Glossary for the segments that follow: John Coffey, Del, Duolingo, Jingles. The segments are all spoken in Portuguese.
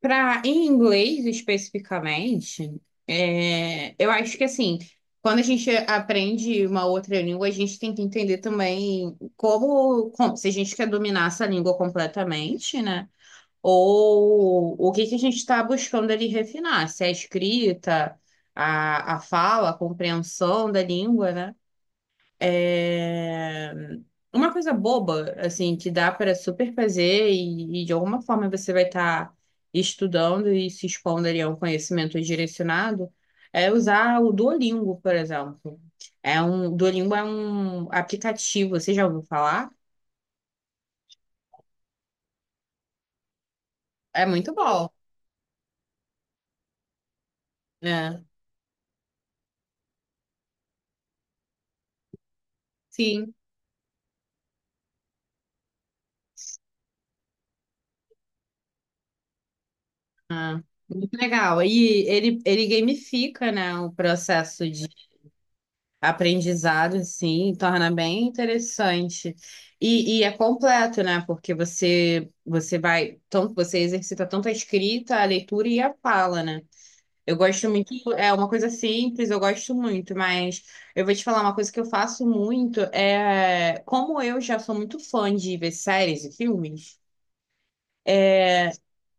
Para em inglês especificamente, eu acho que assim, quando a gente aprende uma outra língua, a gente tem que entender também se a gente quer dominar essa língua completamente, né? Ou o que que a gente está buscando ali refinar, se é a escrita, a fala, a compreensão da língua, né? É, Uma coisa boba, assim, que dá para super fazer e de alguma forma você vai estar estudando e se expondo ali a um conhecimento direcionado, é usar o Duolingo, por exemplo. Duolingo é um aplicativo, você já ouviu falar? É muito bom, né? Sim. Ah, muito legal. E ele gamifica, né, o processo de aprendizado, assim, torna bem interessante. E é completo, né? Porque você vai, tanto você exercita tanto a escrita, a leitura e a fala, né? Eu gosto muito, é uma coisa simples, eu gosto muito, mas eu vou te falar uma coisa que eu faço muito, como eu já sou muito fã de ver séries e filmes,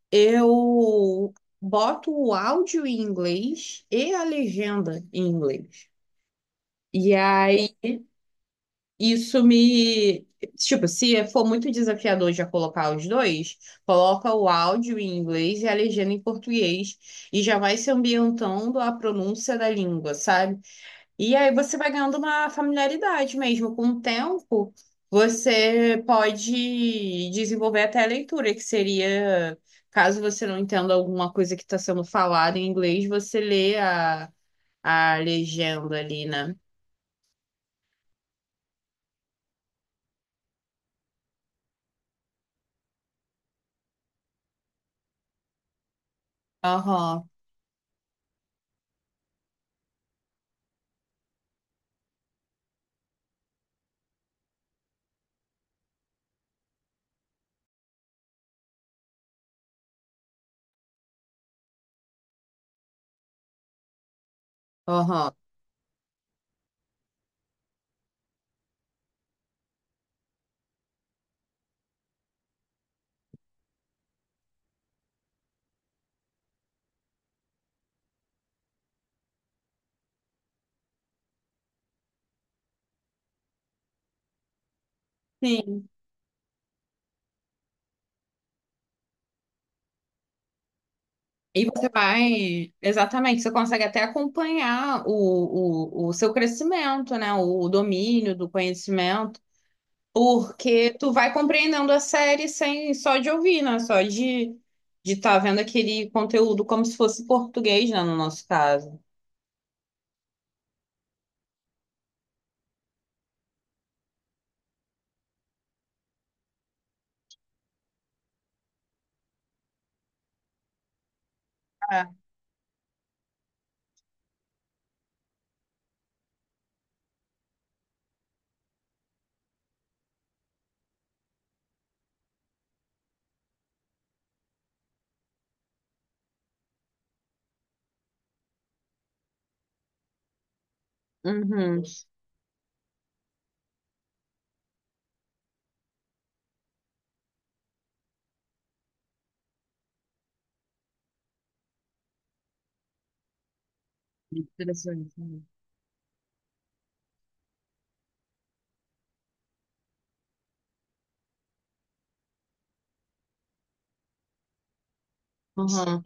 eu boto o áudio em inglês e a legenda em inglês. E aí Isso me. Tipo, se for muito desafiador já colocar os dois, coloca o áudio em inglês e a legenda em português e já vai se ambientando a pronúncia da língua, sabe? E aí você vai ganhando uma familiaridade mesmo. Com o tempo, você pode desenvolver até a leitura, que seria, caso você não entenda alguma coisa que está sendo falada em inglês, você lê a legenda ali, né? Aham, aham. Sim. E você vai, exatamente, você consegue até acompanhar o seu crescimento, né? O domínio do conhecimento, porque tu vai compreendendo a série sem só de ouvir, né? Só de estar vendo aquele conteúdo como se fosse português, né? No nosso caso. Ah. Uhum, interessante, né? Uhum.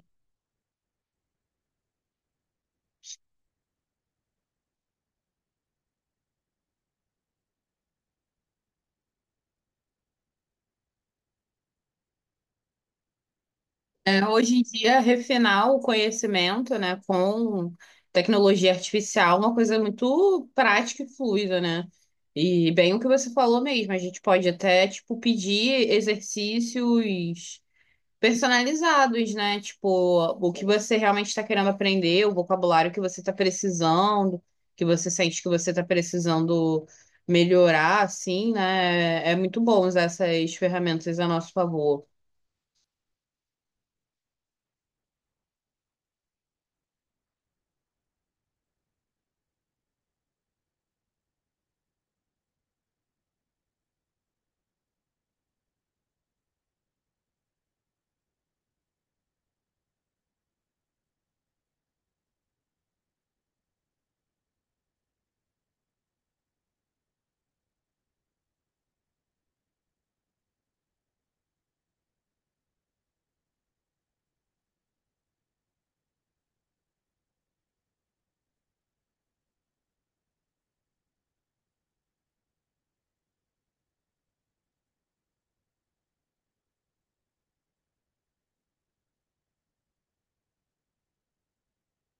Hoje em dia, refinar o conhecimento, né, com tecnologia artificial é uma coisa muito prática e fluida, né? E bem o que você falou mesmo, a gente pode até, tipo, pedir exercícios personalizados, né? Tipo, o que você realmente está querendo aprender, o vocabulário que você está precisando, que você sente que você está precisando melhorar, assim, né? É muito bom usar essas ferramentas a nosso favor.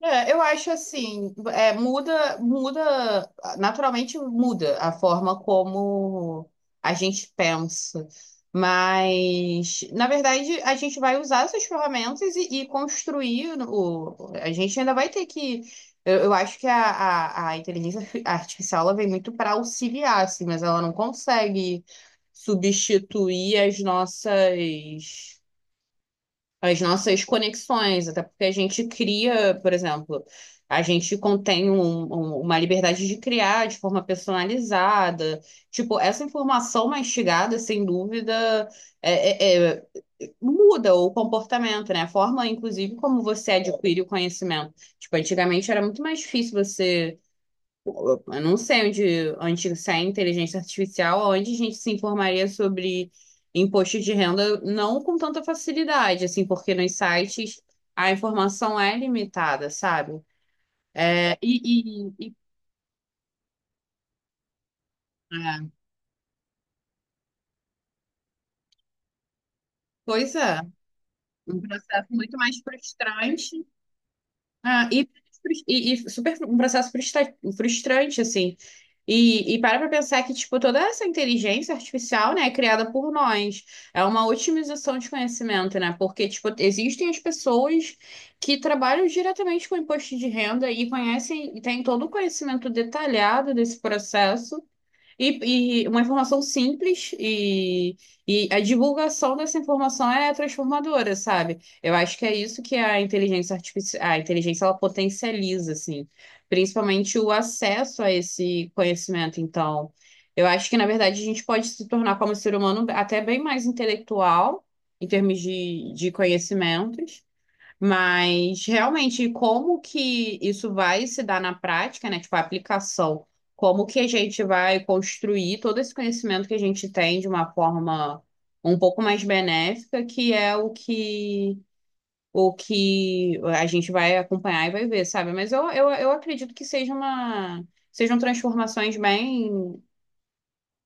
Eu acho assim, muda, naturalmente muda a forma como a gente pensa, mas na verdade a gente vai usar essas ferramentas e construir o, a gente ainda vai ter que, eu acho que a inteligência artificial ela vem muito para auxiliar, assim, mas ela não consegue substituir as nossas conexões, até porque a gente cria, por exemplo, a gente contém uma liberdade de criar de forma personalizada. Tipo, essa informação mastigada, sem dúvida, é- é- é- muda o comportamento, né? A forma, inclusive, como você adquire o conhecimento. Tipo, antigamente era muito mais difícil você eu não sei onde, onde sai a inteligência artificial, onde a gente se informaria sobre imposto de renda, não com tanta facilidade, assim, porque nos sites a informação é limitada, sabe? É, e, e, e- é, pois é, um processo muito mais frustrante, ah, e, e super, um processo frustrante, assim. E para pra pensar que, tipo, toda essa inteligência artificial, né, é criada por nós. É uma otimização de conhecimento, né? Porque, tipo, existem as pessoas que trabalham diretamente com imposto de renda e conhecem e têm todo o conhecimento detalhado desse processo. E uma informação simples e a divulgação dessa informação é transformadora, sabe? Eu acho que é isso que a inteligência artificial, a inteligência ela potencializa, assim, principalmente o acesso a esse conhecimento. Então, eu acho que na verdade a gente pode se tornar como ser humano até bem mais intelectual em termos de conhecimentos. Mas realmente, como que isso vai se dar na prática, né? Tipo, a aplicação. Como que a gente vai construir todo esse conhecimento que a gente tem de uma forma um pouco mais benéfica, que é o que a gente vai acompanhar e vai ver, sabe? Mas eu acredito que seja uma, sejam transformações bem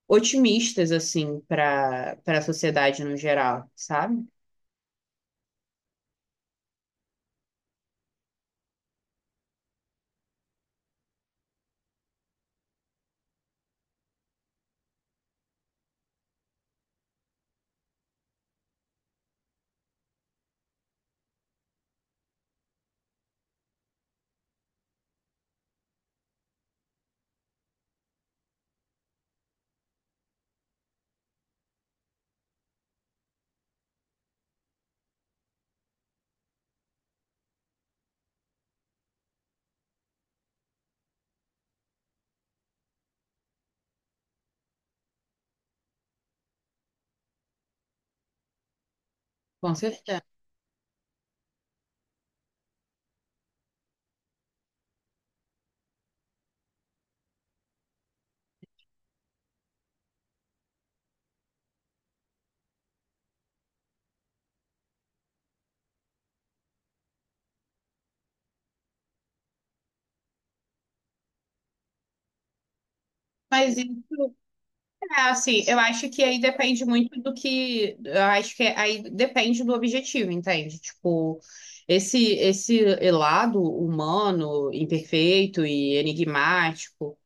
otimistas, assim, para a sociedade no geral, sabe? Com certeza. Mas isso. É, assim, eu acho que aí depende muito do que, eu acho que aí depende do objetivo, entende? Tipo, esse lado humano, imperfeito e enigmático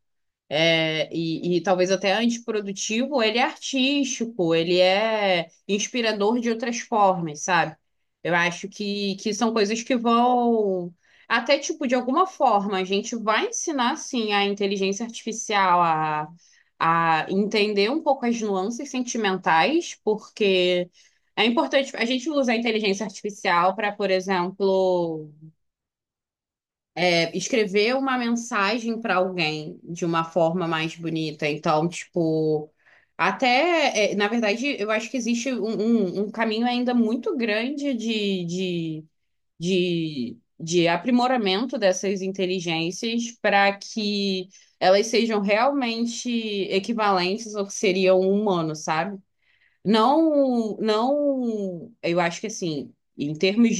e talvez até antiprodutivo, ele é artístico, ele é inspirador de outras formas, sabe? Eu acho que são coisas que vão. Até, tipo, de alguma forma, a gente vai ensinar, sim, a inteligência artificial a entender um pouco as nuances sentimentais, porque é importante a gente usa a inteligência artificial para, por exemplo, escrever uma mensagem para alguém de uma forma mais bonita. Então, tipo, até, é, na verdade, eu acho que existe um caminho ainda muito grande de aprimoramento dessas inteligências para que elas sejam realmente equivalentes ao que seria um humano, sabe? Não, não, eu acho que assim, em termos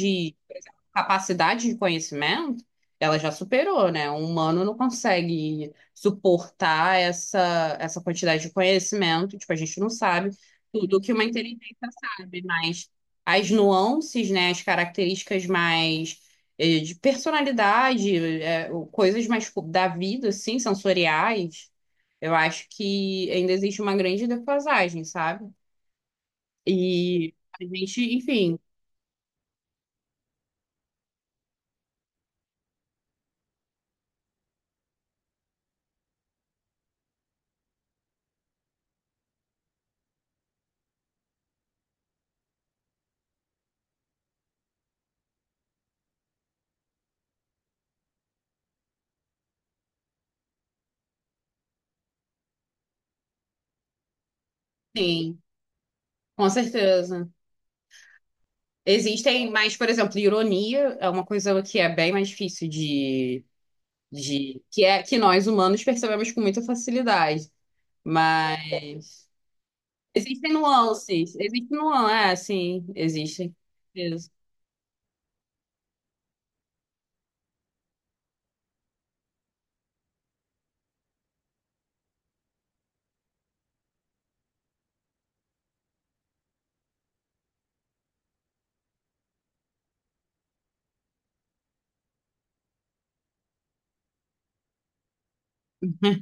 capacidade de conhecimento, ela já superou, né? O humano não consegue suportar essa quantidade de conhecimento. Tipo, a gente não sabe tudo que uma inteligência sabe, mas as nuances, né? As características mais de personalidade, coisas mais tipo, da vida, assim, sensoriais, eu acho que ainda existe uma grande defasagem, sabe? E a gente, enfim, sim, com certeza. Existem, mas, por exemplo, ironia é uma coisa que é bem mais difícil de, que é que nós humanos percebemos com muita facilidade. Mas existem nuances, existe nuance, é, sim, existem. Isso.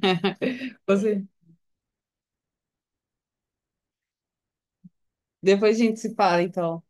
Você, depois a gente se fala, então.